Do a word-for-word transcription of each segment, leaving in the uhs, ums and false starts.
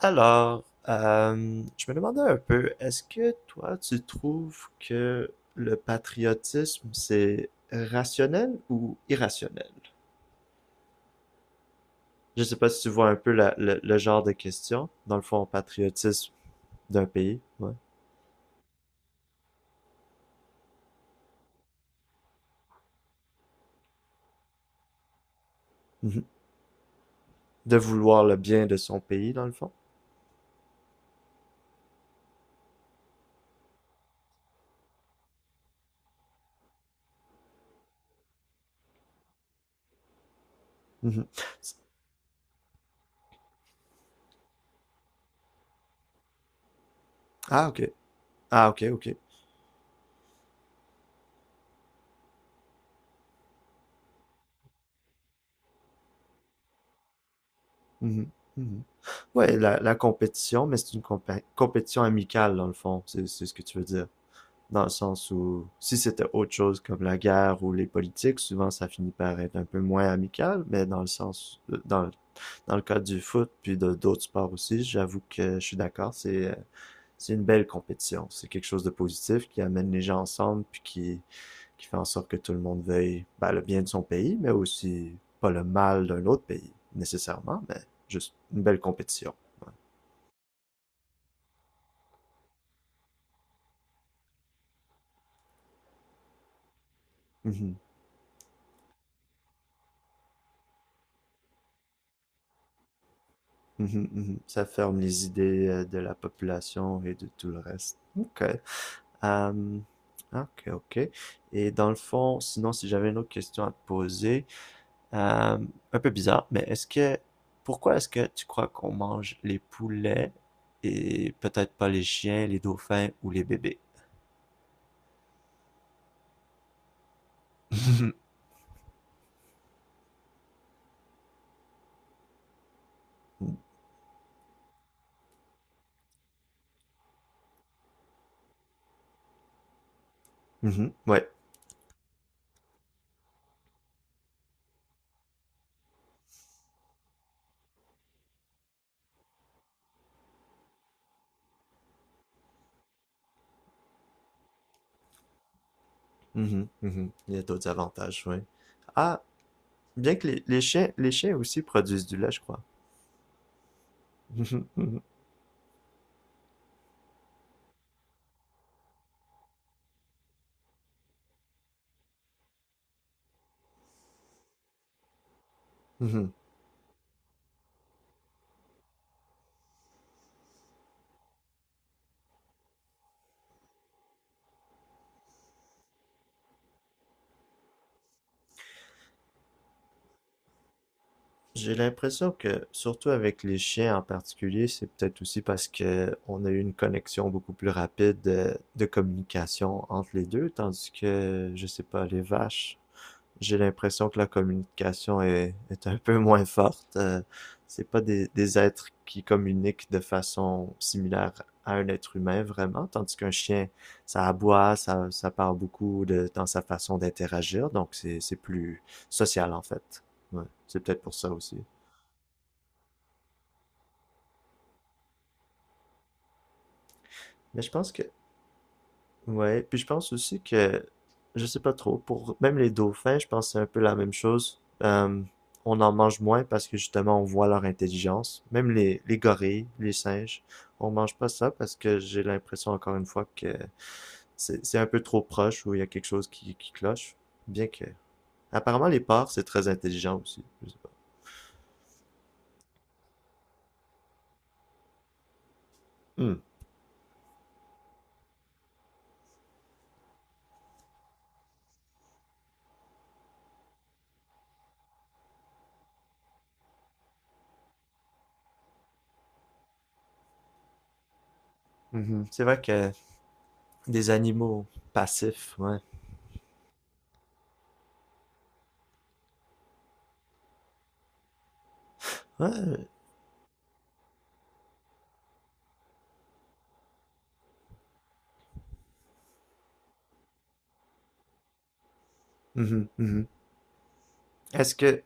Alors, euh, je me demandais un peu, est-ce que toi, tu trouves que le patriotisme, c'est rationnel ou irrationnel? Je sais pas si tu vois un peu la- le, le genre de question, dans le fond, patriotisme d'un pays, ouais. Mhm. De vouloir le bien de son pays, dans le fond. Mhm. Ah, ok. Ah, ok, ok. Mhm. Mhm. Ouais, la, la compétition, mais c'est une compé- compétition amicale, dans le fond, c'est c'est ce que tu veux dire. Dans le sens où si c'était autre chose comme la guerre ou les politiques, souvent ça finit par être un peu moins amical, mais dans le sens, euh, dans, dans le cas du foot puis de d'autres sports aussi, j'avoue que je suis d'accord, c'est c'est une belle compétition, c'est quelque chose de positif qui amène les gens ensemble puis qui, qui fait en sorte que tout le monde veuille ben, le bien de son pays, mais aussi pas le mal d'un autre pays nécessairement, mais juste une belle compétition. Ouais. Mm -hmm. Ça ferme les idées euh, de la population et de tout le reste. Ok. Euh, ok, ok. Et dans le fond, sinon, si j'avais une autre question à te poser, euh, un peu bizarre, mais est-ce que, pourquoi est-ce que tu crois qu'on mange les poulets et peut-être pas les chiens, les dauphins ou les bébés? Mhm, ouais. Mhm, mhm. Il y a d'autres avantages, oui. Ah, bien que les, les chiens, les chiens aussi produisent du lait, je crois. J'ai l'impression que, surtout avec les chiens en particulier, c'est peut-être aussi parce que on a eu une connexion beaucoup plus rapide de, de communication entre les deux, tandis que, je sais pas, les vaches, j'ai l'impression que la communication est, est un peu moins forte. Euh, c'est pas des, des êtres qui communiquent de façon similaire à un être humain vraiment, tandis qu'un chien, ça aboie, ça, ça parle beaucoup de, dans sa façon d'interagir, donc c'est, c'est plus social en fait. Ouais, c'est peut-être pour ça aussi. Mais je pense que, ouais, puis je pense aussi que, je sais pas trop, pour même les dauphins, je pense que c'est un peu la même chose. Euh, on en mange moins parce que justement on voit leur intelligence. Même les, les gorilles, les singes, on mange pas ça parce que j'ai l'impression encore une fois que c'est c'est un peu trop proche ou il y a quelque chose qui, qui cloche. Bien que, apparemment les porcs, c'est très intelligent aussi. Je sais pas. Hmm. Mhm. C'est vrai que des animaux passifs, ouais. Ouais. Mhm, mhm. Est-ce que,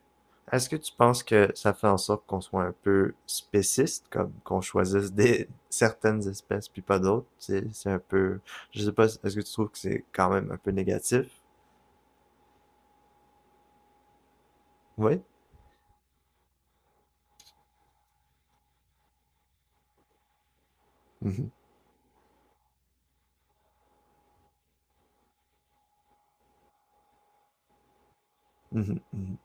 est-ce que tu penses que ça fait en sorte qu'on soit un peu spéciste, comme qu'on choisisse des certaines espèces puis pas d'autres? C'est, c'est un peu, je sais pas, est-ce que tu trouves que c'est quand même un peu négatif? Oui. Mhm, mhm, mhm,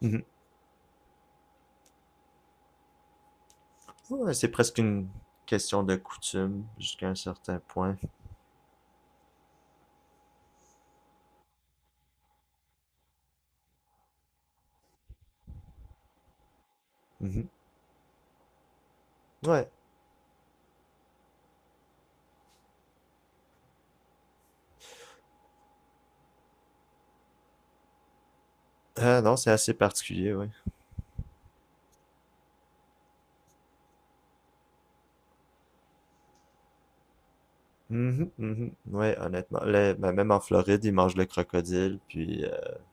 mhm. Ouais, c'est presque une question de coutume jusqu'à un certain point. Mhm. Ouais. Ah non, c'est assez particulier, ouais. Mhm, mhm. Ouais, honnêtement, Le- ben, même en Floride, ils mangent le crocodile, puis euh,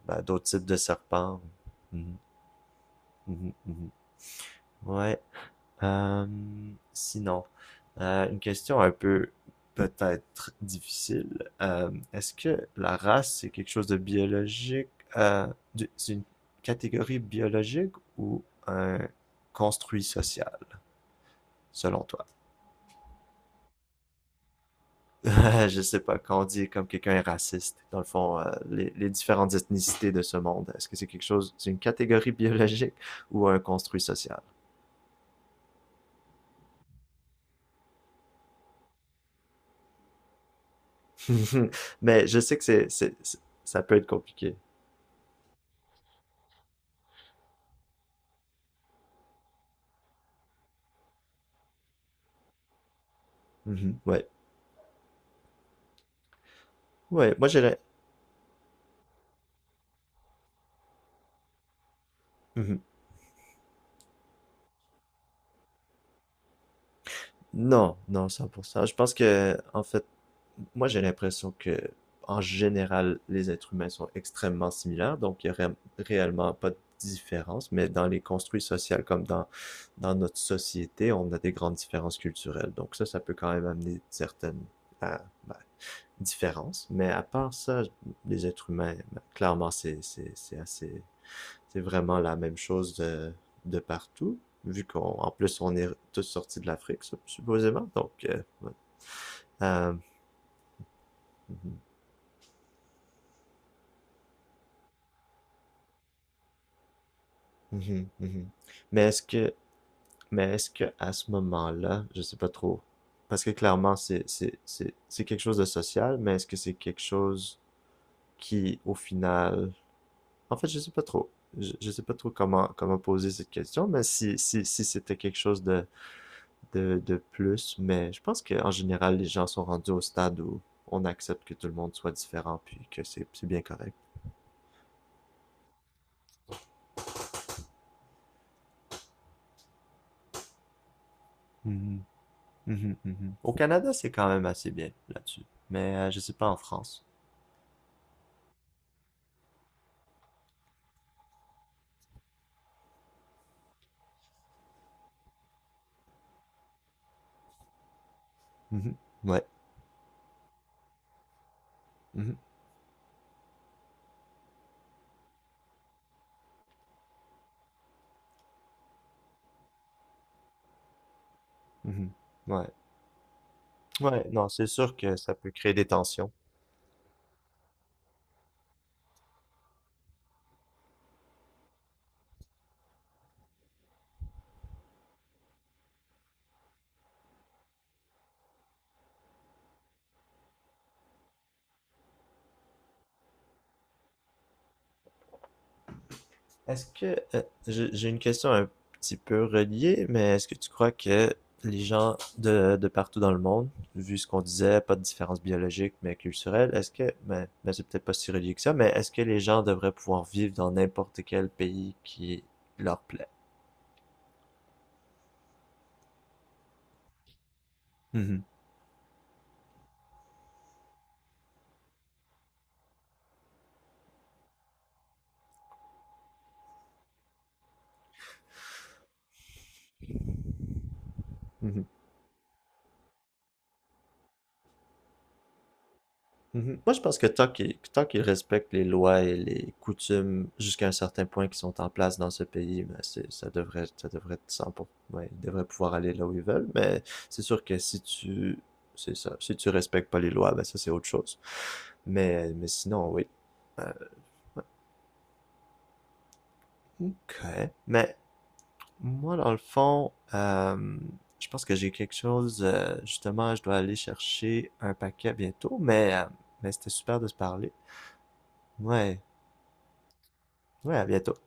ben, d'autres types de serpents. Mhm, mhm, mhm. Ouais. Euh, sinon, euh, une question un peu peut-être difficile. Euh, est-ce que la race, c'est quelque chose de biologique? Euh, du- c'est une catégorie biologique ou un construit social, selon toi? Je sais pas, quand on dit comme quelqu'un est raciste, dans le fond, euh, les, les différentes ethnicités de ce monde, est-ce que c'est quelque chose, c'est une catégorie biologique ou un construit social? Mais je sais que c'est, c'est, c'est- ça peut être compliqué. Mhm. Ouais. Ouais, moi j'ai la-. Mhm. Non, non, cent pour cent. Je pense que, en fait, moi j'ai l'impression que, en général, les êtres humains sont extrêmement similaires, donc il n'y aurait réellement pas de différence, mais dans les construits sociaux comme dans, dans notre société, on a des grandes différences culturelles. Donc ça, ça peut quand même amener certaines euh, ben, différences, mais à part ça, les êtres humains, ben, clairement, c'est c'est- c'est assez c'est vraiment la même chose de, de partout, vu qu'on, en plus, on est tous sortis de l'Afrique, supposément. Donc, euh, ouais. Euh, mhm, mhm, mhm. Mais est-ce que, mais est-ce que à ce moment-là, je sais pas trop, parce que clairement, c'est, c'est, c'est, c'est quelque chose de social, mais est-ce que c'est quelque chose qui, au final, en fait, je sais pas trop. Je, je sais pas trop comment, comment, poser cette question, mais si, si, si c'était quelque chose de, de, de plus, mais je pense qu'en général, les gens sont rendus au stade où on accepte que tout le monde soit différent, puis que c'est c'est bien correct. Mhm, mhm, mhm. Au Canada, c'est quand même assez bien là-dessus, mais euh, je sais pas en France. Mhm. Ouais. Mhm, mhm. Ouais, ouais, non, c'est sûr que ça peut créer des tensions. Est-ce que euh, j'ai j'ai une question un petit peu reliée, mais est-ce que tu crois que les gens de, de partout dans le monde, vu ce qu'on disait, pas de différence biologique mais culturelle, est-ce que, mais, mais c'est peut-être pas si relié que ça, mais est-ce que les gens devraient pouvoir vivre dans n'importe quel pays qui leur plaît? Mhm. Mhm. Mhm. Moi, je pense que tant qu'ils tant qu'ils respectent les lois et les coutumes jusqu'à un certain point qui sont en place dans ce pays, ben c'est, ça devrait, ça devrait être 100 pour- cent. Ouais, ils devraient pouvoir aller là où ils veulent. Mais c'est sûr que si tu, c'est ça, si tu respectes pas les lois, ben ça c'est autre chose. Mais, mais sinon, oui. Euh, ok. Mais moi, dans le fond, euh, je pense que j'ai quelque chose. euh, justement, je dois aller chercher un paquet bientôt. Mais, euh, mais c'était super de se parler. Ouais, ouais, à bientôt.